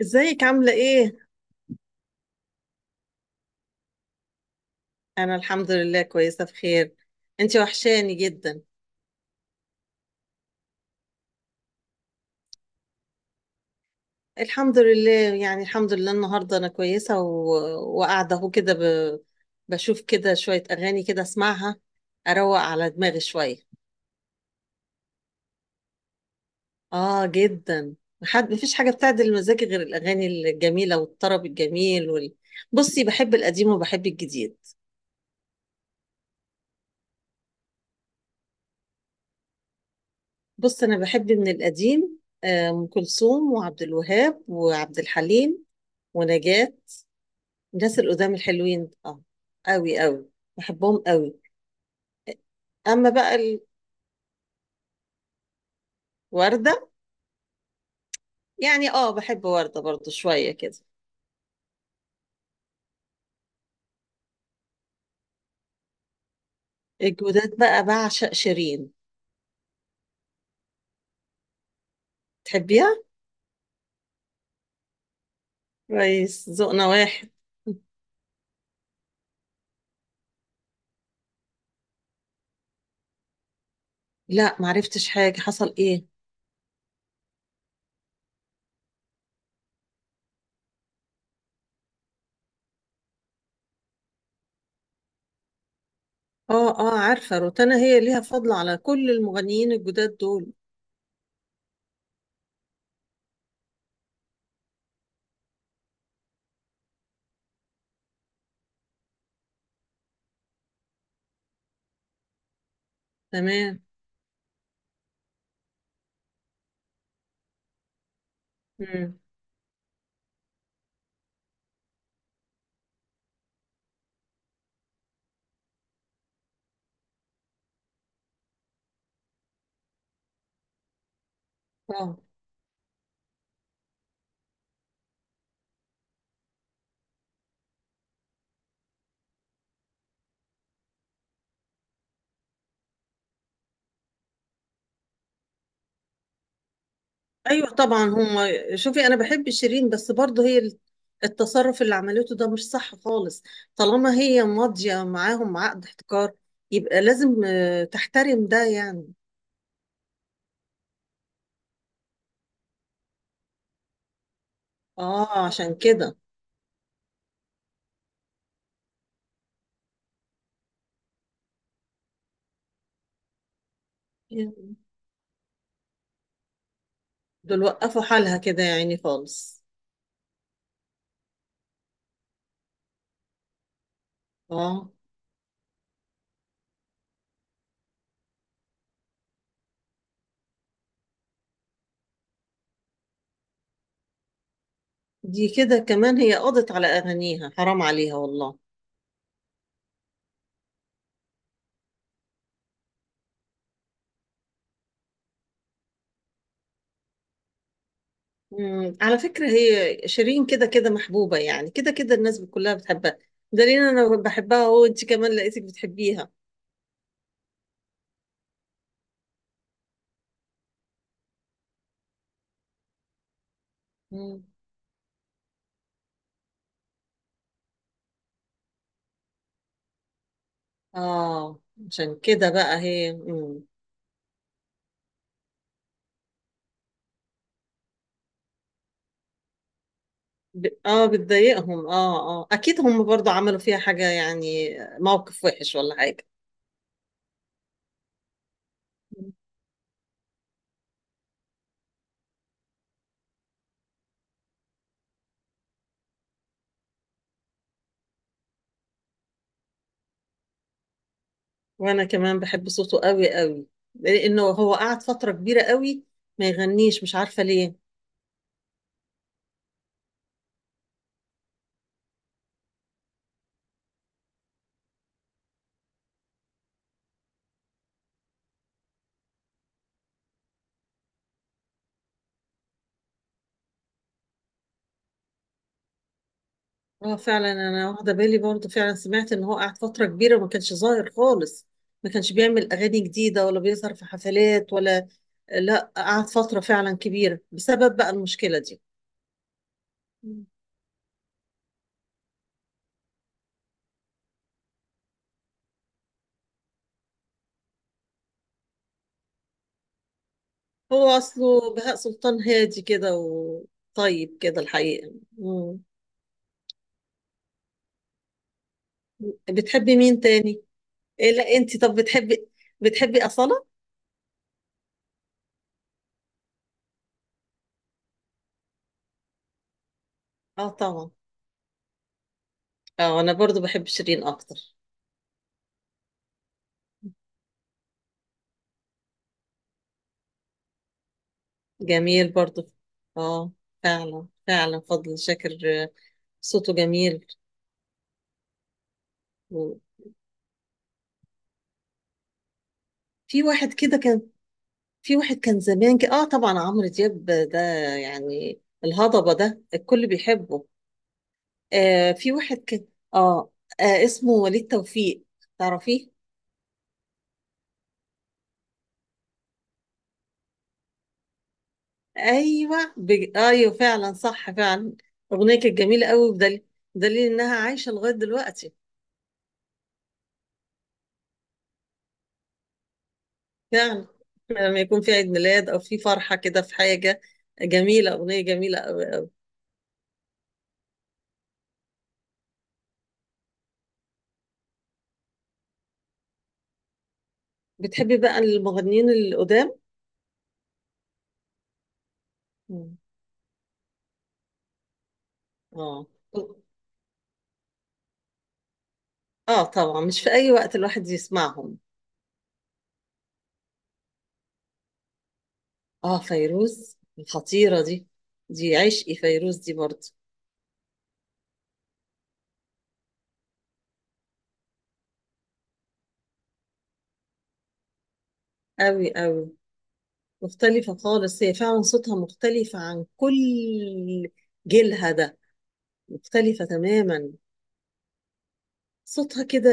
ازيك عاملة ايه؟ انا الحمد لله كويسة بخير. انتي وحشاني جدا. الحمد لله، يعني الحمد لله النهاردة انا كويسة وقاعدة اهو كده بشوف كده شوية اغاني كده اسمعها، اروق على دماغي شوية. اه جدا. حد مفيش حاجة بتعدل مزاجي غير الاغاني الجميلة والطرب الجميل بصي، بحب القديم وبحب الجديد. بص انا بحب من القديم، ام كلثوم وعبد الوهاب وعبد الحليم ونجاة. ناس القدام الحلوين، اه، قوي قوي. بحبهم قوي. اما بقى الوردة، يعني اه بحب وردة برضو شوية كده. الجودات بقى بعشق شيرين. تحبيها؟ كويس، ذوقنا واحد. لا، معرفتش حاجة، حصل ايه؟ اه اه، عارفة روتانا هي ليها فضل على كل المغنيين الجداد دول. تمام. مم. اه. ايوه طبعا هم. شوفي، انا بحب شيرين بس برضه هي التصرف اللي عملته ده مش صح خالص. طالما هي ماضيه معاهم عقد احتكار يبقى لازم تحترم ده يعني. اه عشان كده. دول وقفوا حالها كده يعني خالص. اه. دي كده كمان هي قضت على اغانيها، حرام عليها والله. مم. على فكرة هي شيرين كده كده محبوبة، يعني كده كده الناس كلها بتحبها. دليل انا بحبها وانت كمان لقيتك بتحبيها. مم. اه عشان كده بقى هي اه بتضايقهم، اه اه اكيد هم برضو عملوا فيها حاجة يعني موقف وحش ولا حاجة. مم. وانا كمان بحب صوته قوي قوي، لانه هو قعد فترة كبيرة قوي ما يغنيش، مش عارفة ليه. اه فعلا، انا واخدة بالي برضو، فعلا سمعت ان هو قعد فترة كبيرة وما كانش ظاهر خالص، ما كانش بيعمل اغاني جديدة ولا بيظهر في حفلات ولا، لا قعد فترة فعلا كبيرة بسبب بقى المشكلة دي. هو أصله بهاء سلطان هادي كده وطيب كده الحقيقة. مم. بتحبي مين تاني؟ إيه، لا أنت طب بتحبي أصالة؟ آه طبعا. آه أنا برضو بحب شيرين أكتر. جميل برضو. آه فعلا فعلا فضل شاكر صوته جميل. وفي واحد كده كان، في واحد كان زمان كده، آه طبعا عمرو دياب ده يعني الهضبة ده الكل بيحبه. آه في واحد كان آه, آه اسمه وليد توفيق، تعرفيه؟ ايوه ايوه فعلا صح فعلا، اغنيه كانت جميله قوي، دليل انها عايشه لغايه دلوقتي. فعلا لما يكون في عيد ميلاد او في فرحه كده في حاجه جميله، اغنيه جميله قوي. بتحبي بقى المغنيين القدام؟ مم. اه اه طبعا، مش في اي وقت الواحد يسمعهم. اه فيروز الخطيره دي، دي عشقي فيروز دي برضه. قوي قوي. مختلفه خالص، هي فعلا صوتها مختلف عن كل جيلها ده. مختلفة تماما. صوتها كده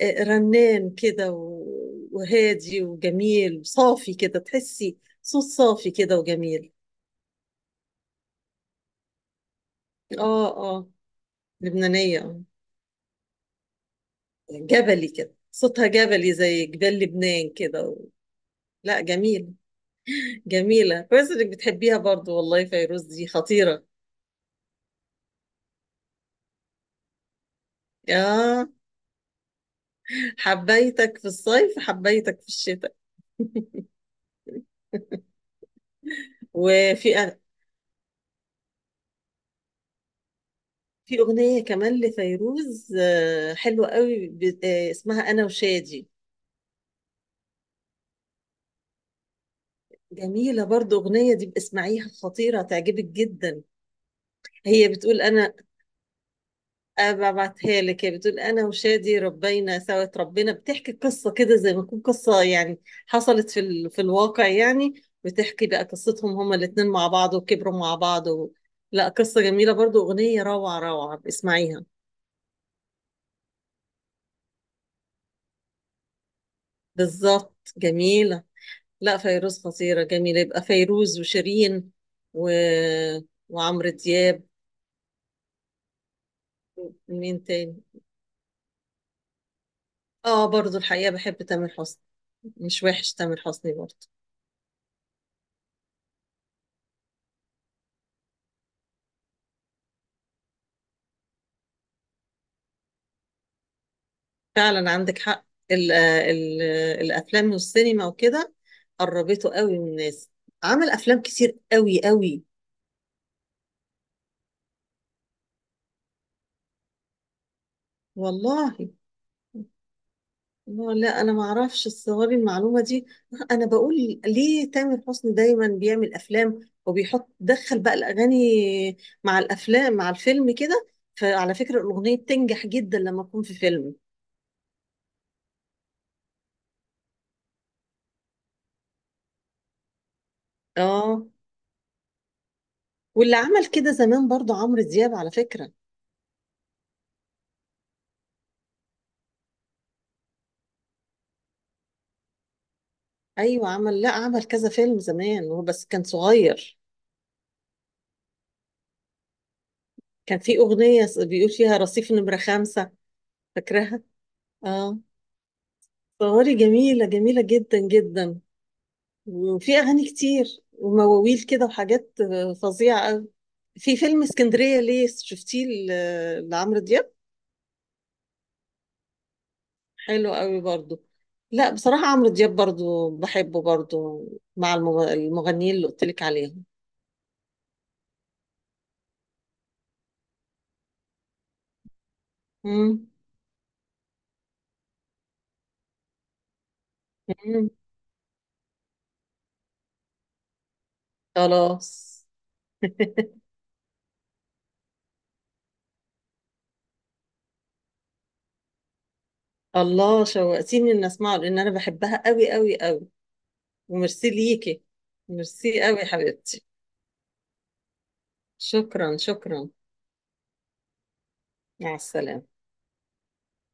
رنان كده وهادي وجميل صافي كده، تحسي صوت صافي كده وجميل. اه اه. لبنانية آه. جبلي كده صوتها، جبلي زي جبال لبنان كده و... لا جميل. جميلة كويس انك بتحبيها برضو، والله فيروز دي خطيرة. اه، حبيتك في الصيف حبيتك في الشتاء. وفي، في أغنية كمان لفيروز حلوة قوي اسمها أنا وشادي. جميلة برضو أغنية دي، اسمعيها، خطيرة تعجبك جدا. هي بتقول أنا ببعتها لك. هي بتقول أنا وشادي ربينا سوا ربنا، بتحكي قصة كده زي ما تكون قصة يعني حصلت في الواقع يعني، بتحكي بقى قصتهم هما الاتنين مع بعض وكبروا مع بعض و... لا قصة جميلة برضو، أغنية روعة روعة، اسمعيها. بالظبط جميلة. لا فيروز خطيرة جميلة. يبقى فيروز وشيرين و... وعمرو دياب. مين تاني؟ اه برضو الحقيقة بحب تامر حسني، مش وحش تامر حسني برضو. فعلا عندك حق، ال... ال... الأفلام والسينما وكده قربته قوي من الناس. عمل أفلام كتير قوي قوي. والله؟ لا لا، انا ما اعرفش الصواري المعلومه دي. انا بقول ليه تامر حسني دايما بيعمل افلام وبيحط دخل بقى الاغاني مع الافلام مع الفيلم كده. فعلى فكره الاغنيه بتنجح جدا لما تكون في فيلم. اه، واللي عمل كده زمان برضو عمرو دياب على فكره. ايوه عمل، لا عمل كذا فيلم زمان هو بس كان صغير. كان في اغنيه بيقول فيها رصيف نمره خمسة، فاكراها؟ اه، صواري جميله جميله جدا جدا. وفي اغاني كتير ومواويل كده وحاجات فظيعه قوي. في فيلم اسكندريه ليه شفتيه لعمرو دياب؟ حلو قوي برضو. لا بصراحه عمرو دياب برضو بحبه برضو، مع المغنيين اللي قلت لك عليهم. مم. مم. خلاص. الله شوقتيني ان اسمعه، لان انا بحبها قوي قوي قوي. وميرسي ليكي، ميرسي قوي يا حبيبتي. شكرا شكرا. مع السلامه.